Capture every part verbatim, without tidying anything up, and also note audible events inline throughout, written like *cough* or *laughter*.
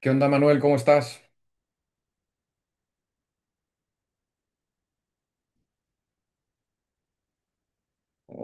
¿Qué onda, Manuel? ¿Cómo estás?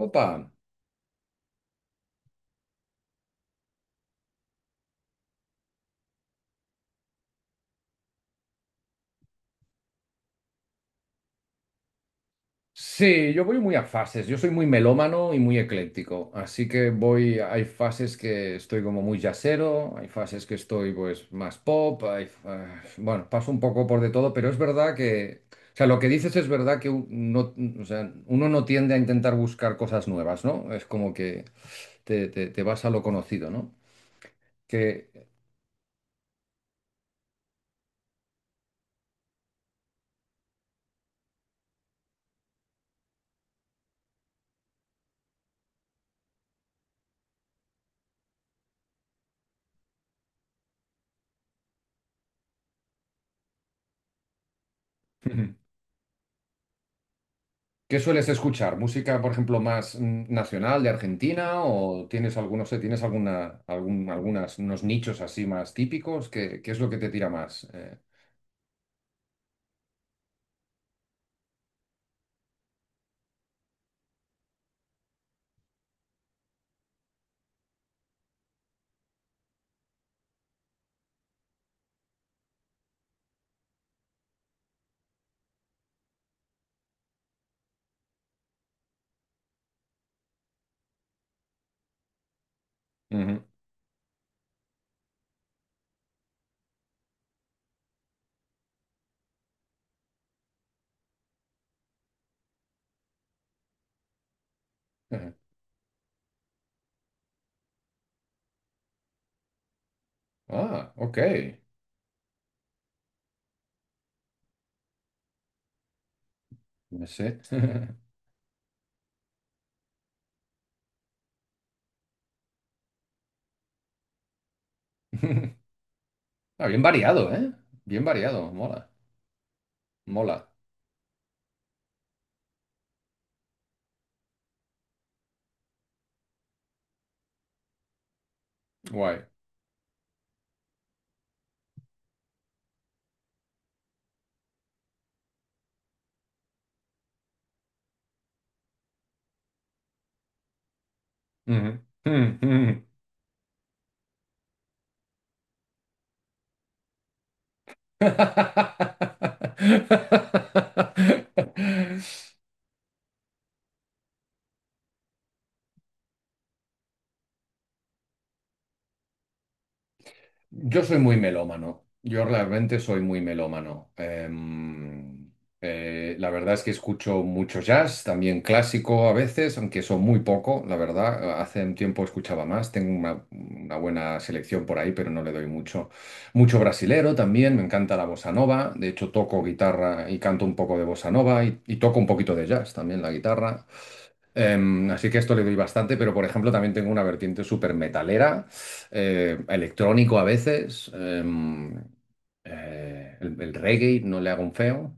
Opa. Sí, yo voy muy a fases. Yo soy muy melómano y muy ecléctico. Así que voy. Hay fases que estoy como muy jazzero, hay fases que estoy pues más pop. Hay fa- bueno, paso un poco por de todo, pero es verdad que. O sea, lo que dices es verdad que un- no, o sea, uno no tiende a intentar buscar cosas nuevas, ¿no? Es como que te, te- te vas a lo conocido, ¿no? Que. *laughs* ¿Qué sueles escuchar? ¿Música, por ejemplo, más mm, nacional de Argentina? ¿O tienes algunos, sé, tienes alguna, algún, algunas, unos nichos así más típicos? ¿Qué, qué es lo que te tira más? Eh, ujú, ujú. Ah, ok. No sé. *laughs* Ah, bien variado, ¿eh? Bien variado. Mola. Mola. Guay. Ujú. Mm, mm. *laughs* Yo soy muy melómano, yo realmente soy muy melómano. Em, eh, la verdad es que escucho mucho jazz, también clásico a veces, aunque son muy poco, la verdad. Hace un tiempo escuchaba más, tengo una, una buena selección por ahí, pero no le doy mucho. Mucho brasilero también, me encanta la bossa nova, de hecho toco guitarra y canto un poco de bossa nova y, y toco un poquito de jazz también la guitarra. Em, así que a esto le doy bastante, pero por ejemplo también tengo una vertiente súper metalera, eh, electrónico a veces, em, eh, el, el reggae, no le hago un feo.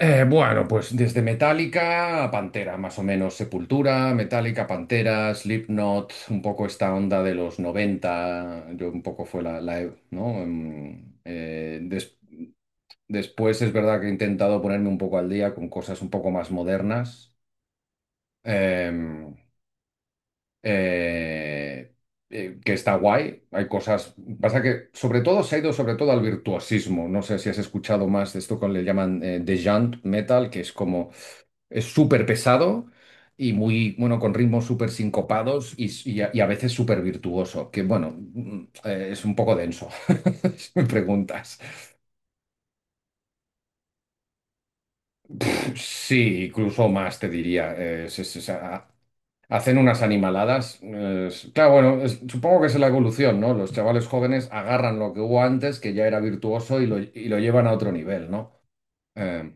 Eh, bueno, pues desde Metallica a Pantera, más o menos Sepultura, Metallica, Pantera, Slipknot, un poco esta onda de los noventa. Yo un poco fue la, la e- ¿no? Em, eh, des- Después es verdad que he intentado ponerme un poco al día con cosas un poco más modernas. Em, eh, eh, que está guay. Hay cosas. Pasa que sobre todo se ha ido sobre todo al virtuosismo. No sé si has escuchado más de esto que le llaman eh, The Metal, que es como es súper pesado y muy, bueno, con ritmos súper sincopados y, s- y a, y a veces súper virtuoso. Que bueno, mm, eh, es un poco denso. *laughs* Si me preguntas. Sí, incluso más te diría. Eh, se- se- se- a- Hacen unas animaladas. Eh, es- claro, bueno, es- supongo que es la evolución, ¿no? Los chavales jóvenes agarran lo que hubo antes, que ya era virtuoso, y lo, y lo llevan a otro nivel, ¿no? Eh,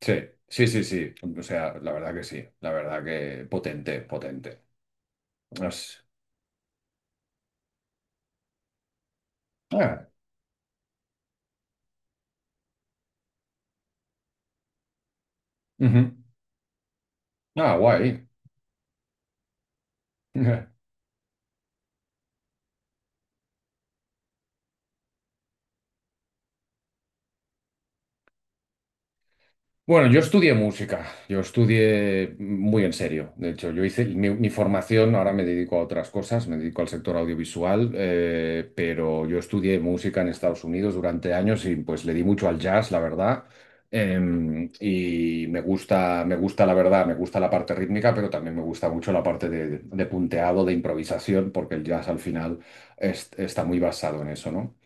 sí, sí, sí, sí. O sea, la verdad que sí. La verdad que potente, potente. Es- ah, ujú. Ah, guay. *laughs* Bueno, yo estudié música, yo estudié muy en serio. De hecho, yo hice mi, mi formación, ahora me dedico a otras cosas, me dedico al sector audiovisual, eh, pero yo estudié música en Estados Unidos durante años y pues le di mucho al jazz, la verdad. Em, y me gusta, me gusta la verdad, me gusta la parte rítmica, pero también me gusta mucho la parte de, de punteado, de improvisación, porque el jazz al final es- está muy basado en eso, ¿no?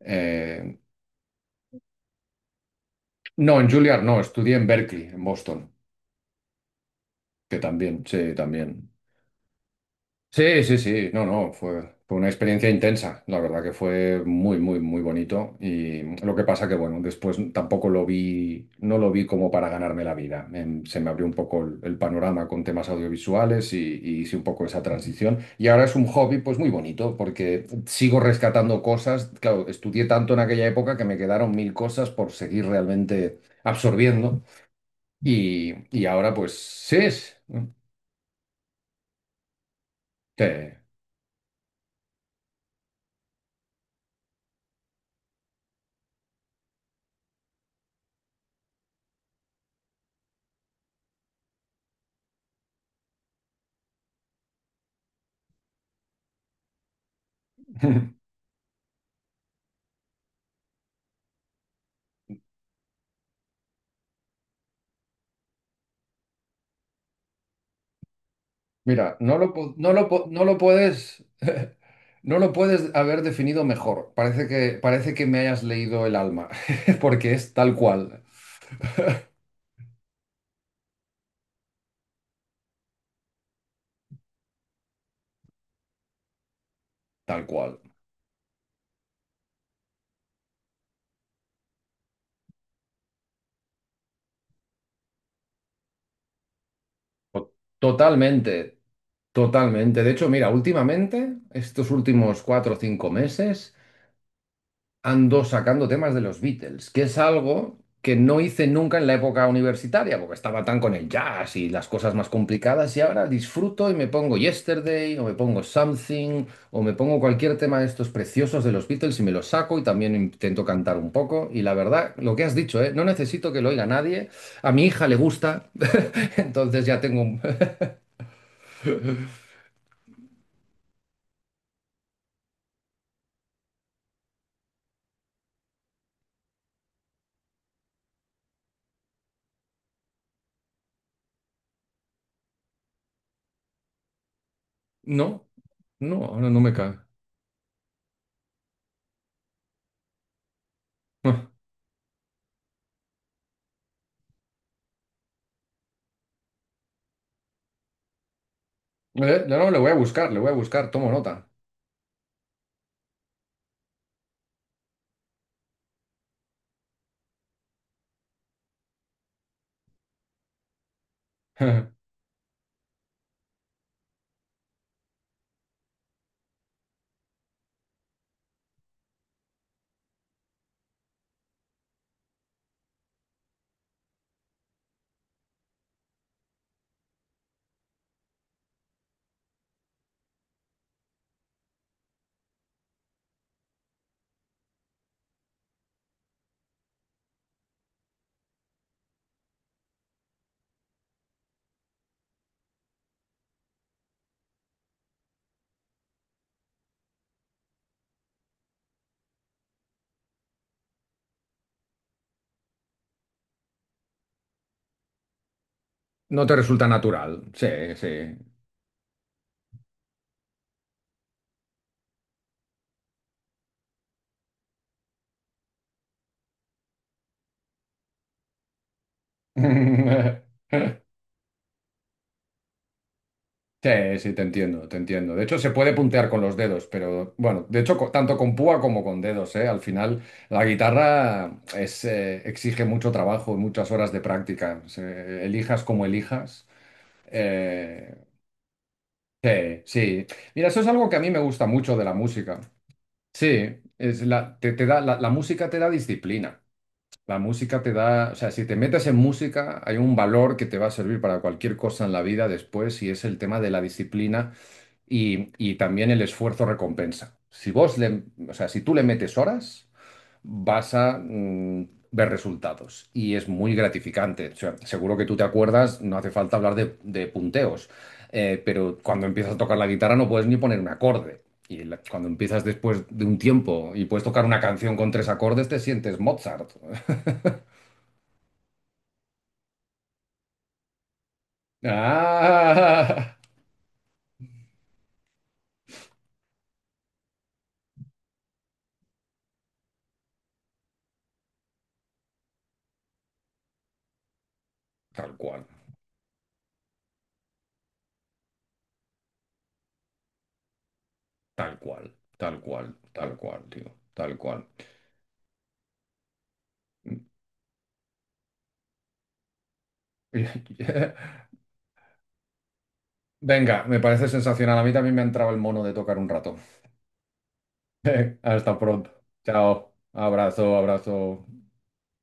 Eh, no, en Juilliard no, estudié en Berkeley, en Boston. Que también, sí, también. Sí, sí, sí, no, no, fue, fue una experiencia intensa, la verdad que fue muy, muy, muy bonito y lo que pasa que, bueno, después tampoco lo vi, no lo vi como para ganarme la vida. Em, se me abrió un poco el, el panorama con temas audiovisuales y, y hice un poco esa transición y ahora es un hobby pues muy bonito porque sigo rescatando cosas, claro, estudié tanto en aquella época que me quedaron mil cosas por seguir realmente absorbiendo y, y ahora pues sí es... sí. *laughs* Mira, no lo, pu- no lo, pu- no lo puedes, *laughs* no lo puedes haber definido mejor. Parece que, parece que me hayas leído el alma, *laughs* porque es tal cual, tal cual. To- Totalmente, totalmente. De hecho, mira, últimamente, estos últimos cuatro o cinco meses, ando sacando temas de los Beatles, que es algo que no hice nunca en la época universitaria, porque estaba tan con el jazz y las cosas más complicadas, y ahora disfruto y me pongo Yesterday, o me pongo Something, o me pongo cualquier tema de estos preciosos de los Beatles y me los saco y también intento cantar un poco. Y la verdad, lo que has dicho, ¿eh? No necesito que lo oiga nadie, a mi hija le gusta, *laughs* entonces ya tengo un... *laughs* No, no, no, no me cae. *laughs* Eh, No, no, le voy a buscar, le voy a buscar, tomo nota. *laughs* No te resulta natural. Sí, sí. *laughs* Sí, sí, te entiendo, te entiendo. De hecho, se puede puntear con los dedos, pero bueno, de hecho, co- tanto con púa como con dedos, ¿eh? Al final, la guitarra es, eh, exige mucho trabajo, y muchas horas de práctica. Se- elijas como elijas. eh, sí, sí. Mira, eso es algo que a mí me gusta mucho de la música. Sí, es la, te, te da, la la música te da disciplina. La música te da, o sea, si te metes en música, hay un valor que te va a servir para cualquier cosa en la vida después y es el tema de la disciplina y, y también el esfuerzo recompensa. Si vos le, o sea, si tú le metes horas, vas a mm, ver resultados y es muy gratificante. O sea, seguro que tú te acuerdas, no hace falta hablar de, de punteos, eh, pero cuando empiezas a tocar la guitarra no puedes ni poner un acorde. Y la- cuando empiezas después de un tiempo y puedes tocar una canción con tres acordes, te sientes Mozart. Ah, tal cual, tal cual, tal cual, tal cual, tío, tal cual. *laughs* Venga, me parece sensacional. A mí también me ha entrado el mono de tocar un rato. Hasta pronto. Chao. Abrazo, abrazo.